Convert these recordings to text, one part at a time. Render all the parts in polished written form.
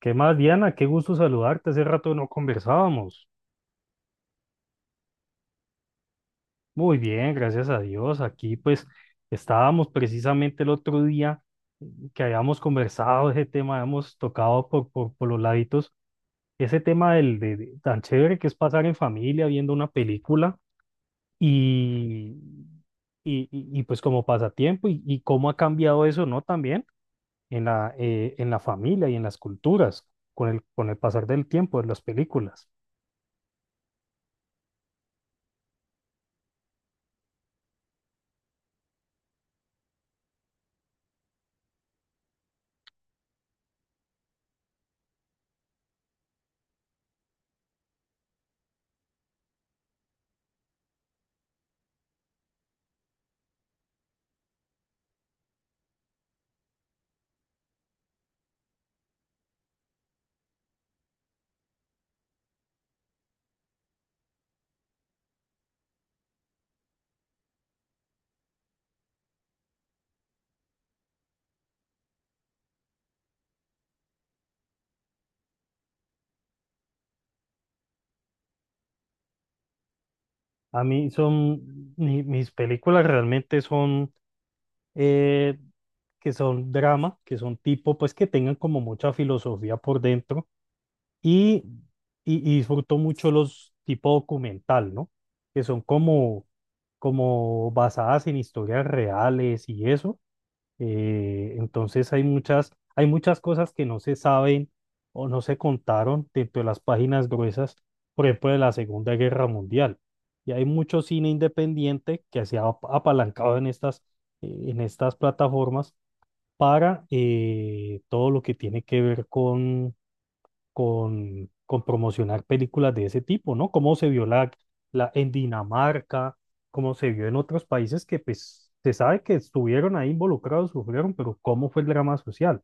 ¿Qué más, Diana? Qué gusto saludarte. Hace rato no conversábamos. Muy bien, gracias a Dios. Aquí pues estábamos precisamente el otro día, que habíamos conversado ese tema, habíamos tocado por los laditos, ese tema del tan chévere que es pasar en familia viendo una película y, y, pues como pasatiempo y cómo ha cambiado eso, ¿no? También en en la familia y en las culturas con el pasar del tiempo de las películas. A mí son, mis películas realmente son, eh, que son drama, que son tipo, pues que tengan como mucha filosofía por dentro y, y disfruto mucho los tipo documental, ¿no? Que son como, como basadas en historias reales y eso. Entonces hay muchas cosas que no se saben o no se contaron dentro de las páginas gruesas, por ejemplo, de la Segunda Guerra Mundial. Y hay mucho cine independiente que se ha apalancado en en estas plataformas para todo lo que tiene que ver con promocionar películas de ese tipo, ¿no? Cómo se vio en Dinamarca, cómo se vio en otros países que pues se sabe que estuvieron ahí involucrados, sufrieron, pero ¿cómo fue el drama social?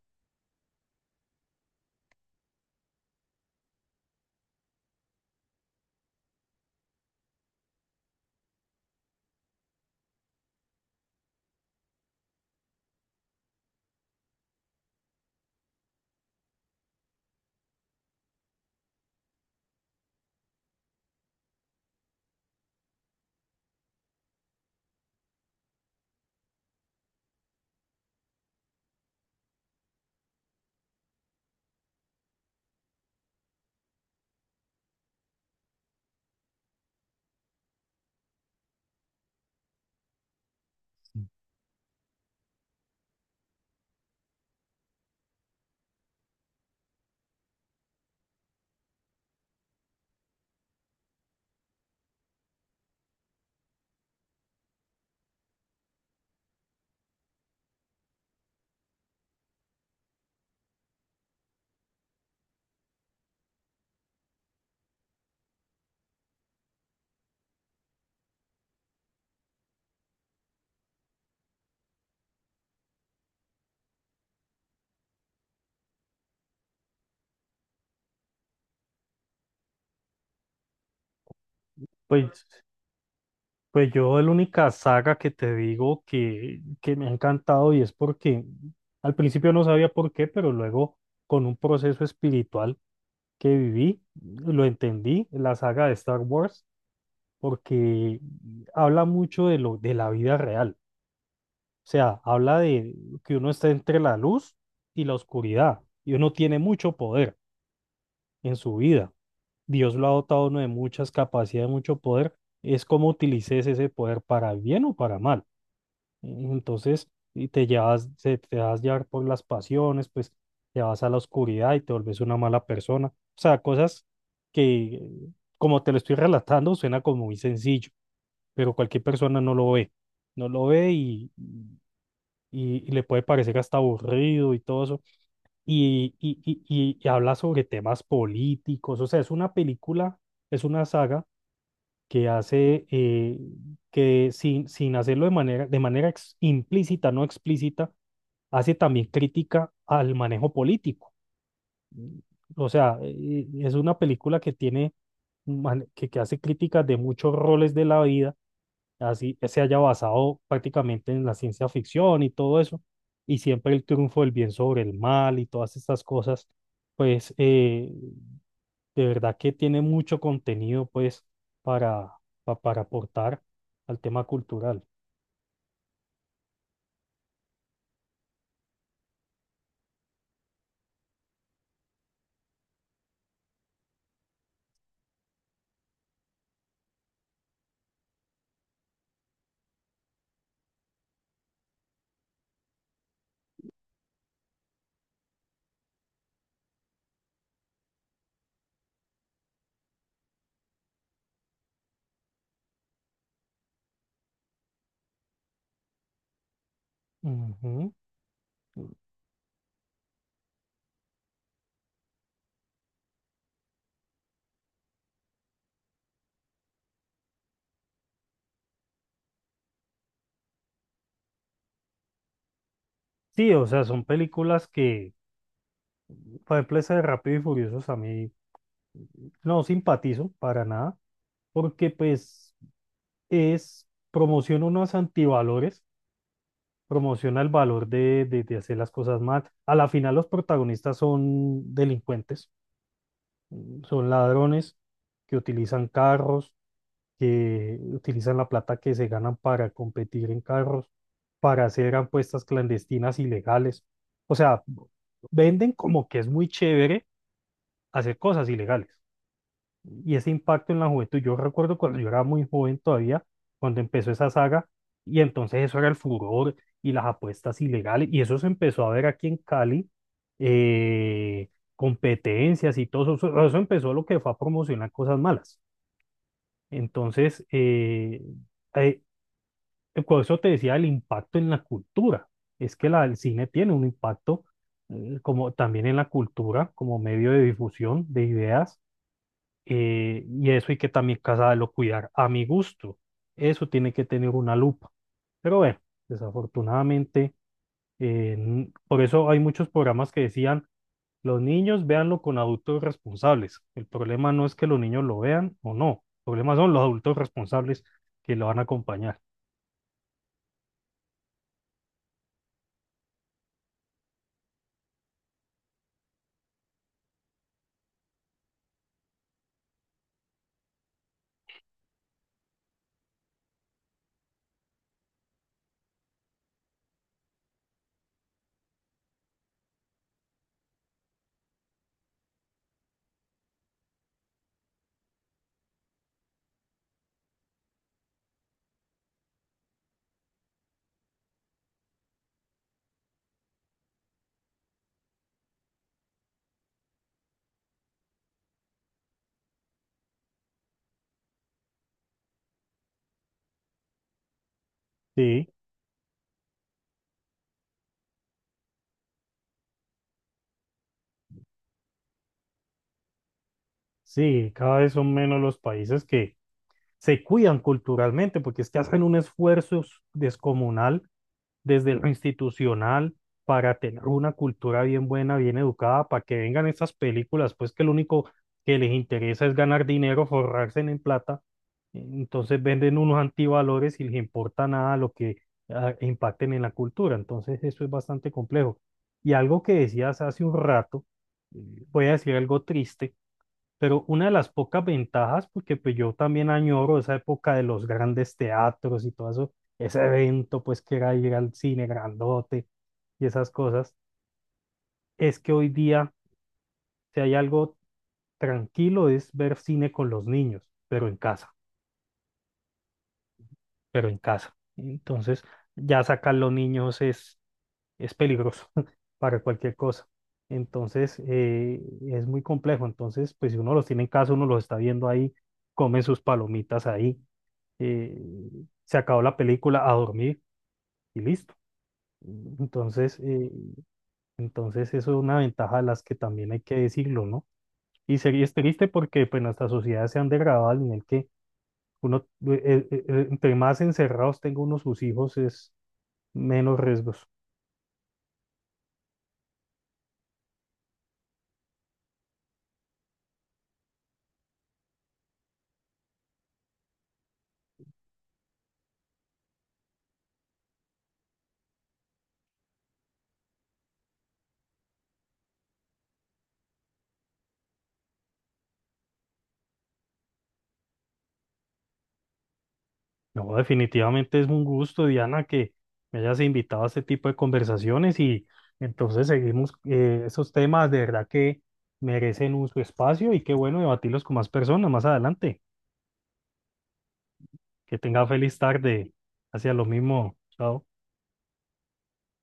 Pues, pues yo la única saga que te digo que me ha encantado y es porque al principio no sabía por qué, pero luego con un proceso espiritual que viví, lo entendí, la saga de Star Wars, porque habla mucho de la vida real. O sea, habla de que uno está entre la luz y la oscuridad y uno tiene mucho poder en su vida. Dios lo ha dotado a uno de muchas capacidades, mucho poder. Es como utilices ese poder para bien o para mal. Entonces, y te llevas, te vas llevar por las pasiones, pues te vas a la oscuridad y te vuelves una mala persona. O sea, que, como te lo estoy relatando, suena como muy sencillo, pero cualquier persona no lo ve. No lo ve y le puede parecer hasta aburrido y todo eso, y habla sobre temas políticos, o sea, es una película, es una saga que hace, que sin hacerlo de manera implícita, no explícita, hace también crítica al manejo político. Mm, es una película que tiene, que hace críticas de muchos roles de la vida, así se haya basado prácticamente en la ciencia ficción y todo eso, y siempre el triunfo del bien sobre el mal y todas estas cosas, pues eh, de verdad que tiene mucho contenido, pues para, para aportar al tema cultural. Ujú. Sí, o sea, son películas que, por ejemplo, esa de Rápido y Furiosos a mí no simpatizo para nada, porque pues es, promociona unos antivalores, promociona el valor de hacer las cosas mal. A la final los protagonistas son delincuentes, mm, son ladrones que utilizan carros, que utilizan la plata que se ganan para competir en carros, para hacer apuestas clandestinas ilegales. O sea, venden como que es muy chévere hacer cosas ilegales y ese impacto en la juventud. Yo recuerdo cuando yo era muy joven todavía, cuando empezó esa saga, y entonces eso era el furor y las apuestas ilegales, y eso se empezó a ver aquí en Cali, eh, competencias y todo eso, eso empezó lo que fue a promocionar cosas malas. Entonces, eh, por eso te decía el impacto en la cultura, es que el cine tiene un impacto, como también en la cultura, como medio de difusión de ideas, y eso hay que también casarlo, cuidar a mi gusto. Eso tiene que tener una lupa. Pero bueno, desafortunadamente, por eso hay muchos programas que decían, los niños véanlo con adultos responsables. El problema no es que los niños lo vean o no. El problema son los adultos responsables que lo van a acompañar. Sí, sí, cada vez son menos los países que se cuidan culturalmente, porque es que hacen un esfuerzo descomunal desde lo institucional para tener una cultura bien buena, bien educada, para que vengan esas películas, pues que lo único que les interesa es ganar dinero, forrarse en plata. Entonces venden unos antivalores y les importa nada lo que impacten en la cultura. Entonces eso es bastante complejo. Y algo que decías hace un rato, eh, voy a decir algo triste, pero una de las pocas ventajas, porque pues yo también añoro esa época de los grandes teatros y todo eso, ese evento, pues, que era ir al cine grandote y esas cosas, es que hoy día, si hay algo tranquilo es ver cine con los niños, pero en casa, pero en casa. Entonces ya sacar los niños es peligroso para cualquier cosa. Entonces es muy complejo. Entonces pues si uno los tiene en casa, uno los está viendo ahí, comen sus palomitas ahí, eh, se acabó la película, a dormir y listo. Entonces, eh, entonces eso es una ventaja de las que también hay que decirlo, ¿no? Y sería es triste porque pues nuestras sociedades se han degradado al nivel que uno, entre más encerrados tenga uno sus hijos, es menos riesgos. No, definitivamente es un gusto, Diana, que me hayas invitado a este tipo de conversaciones, y entonces seguimos, esos temas, de verdad que merecen un su espacio y qué bueno debatirlos con más personas más adelante. Que tenga feliz tarde. Hacia lo mismo. Chao.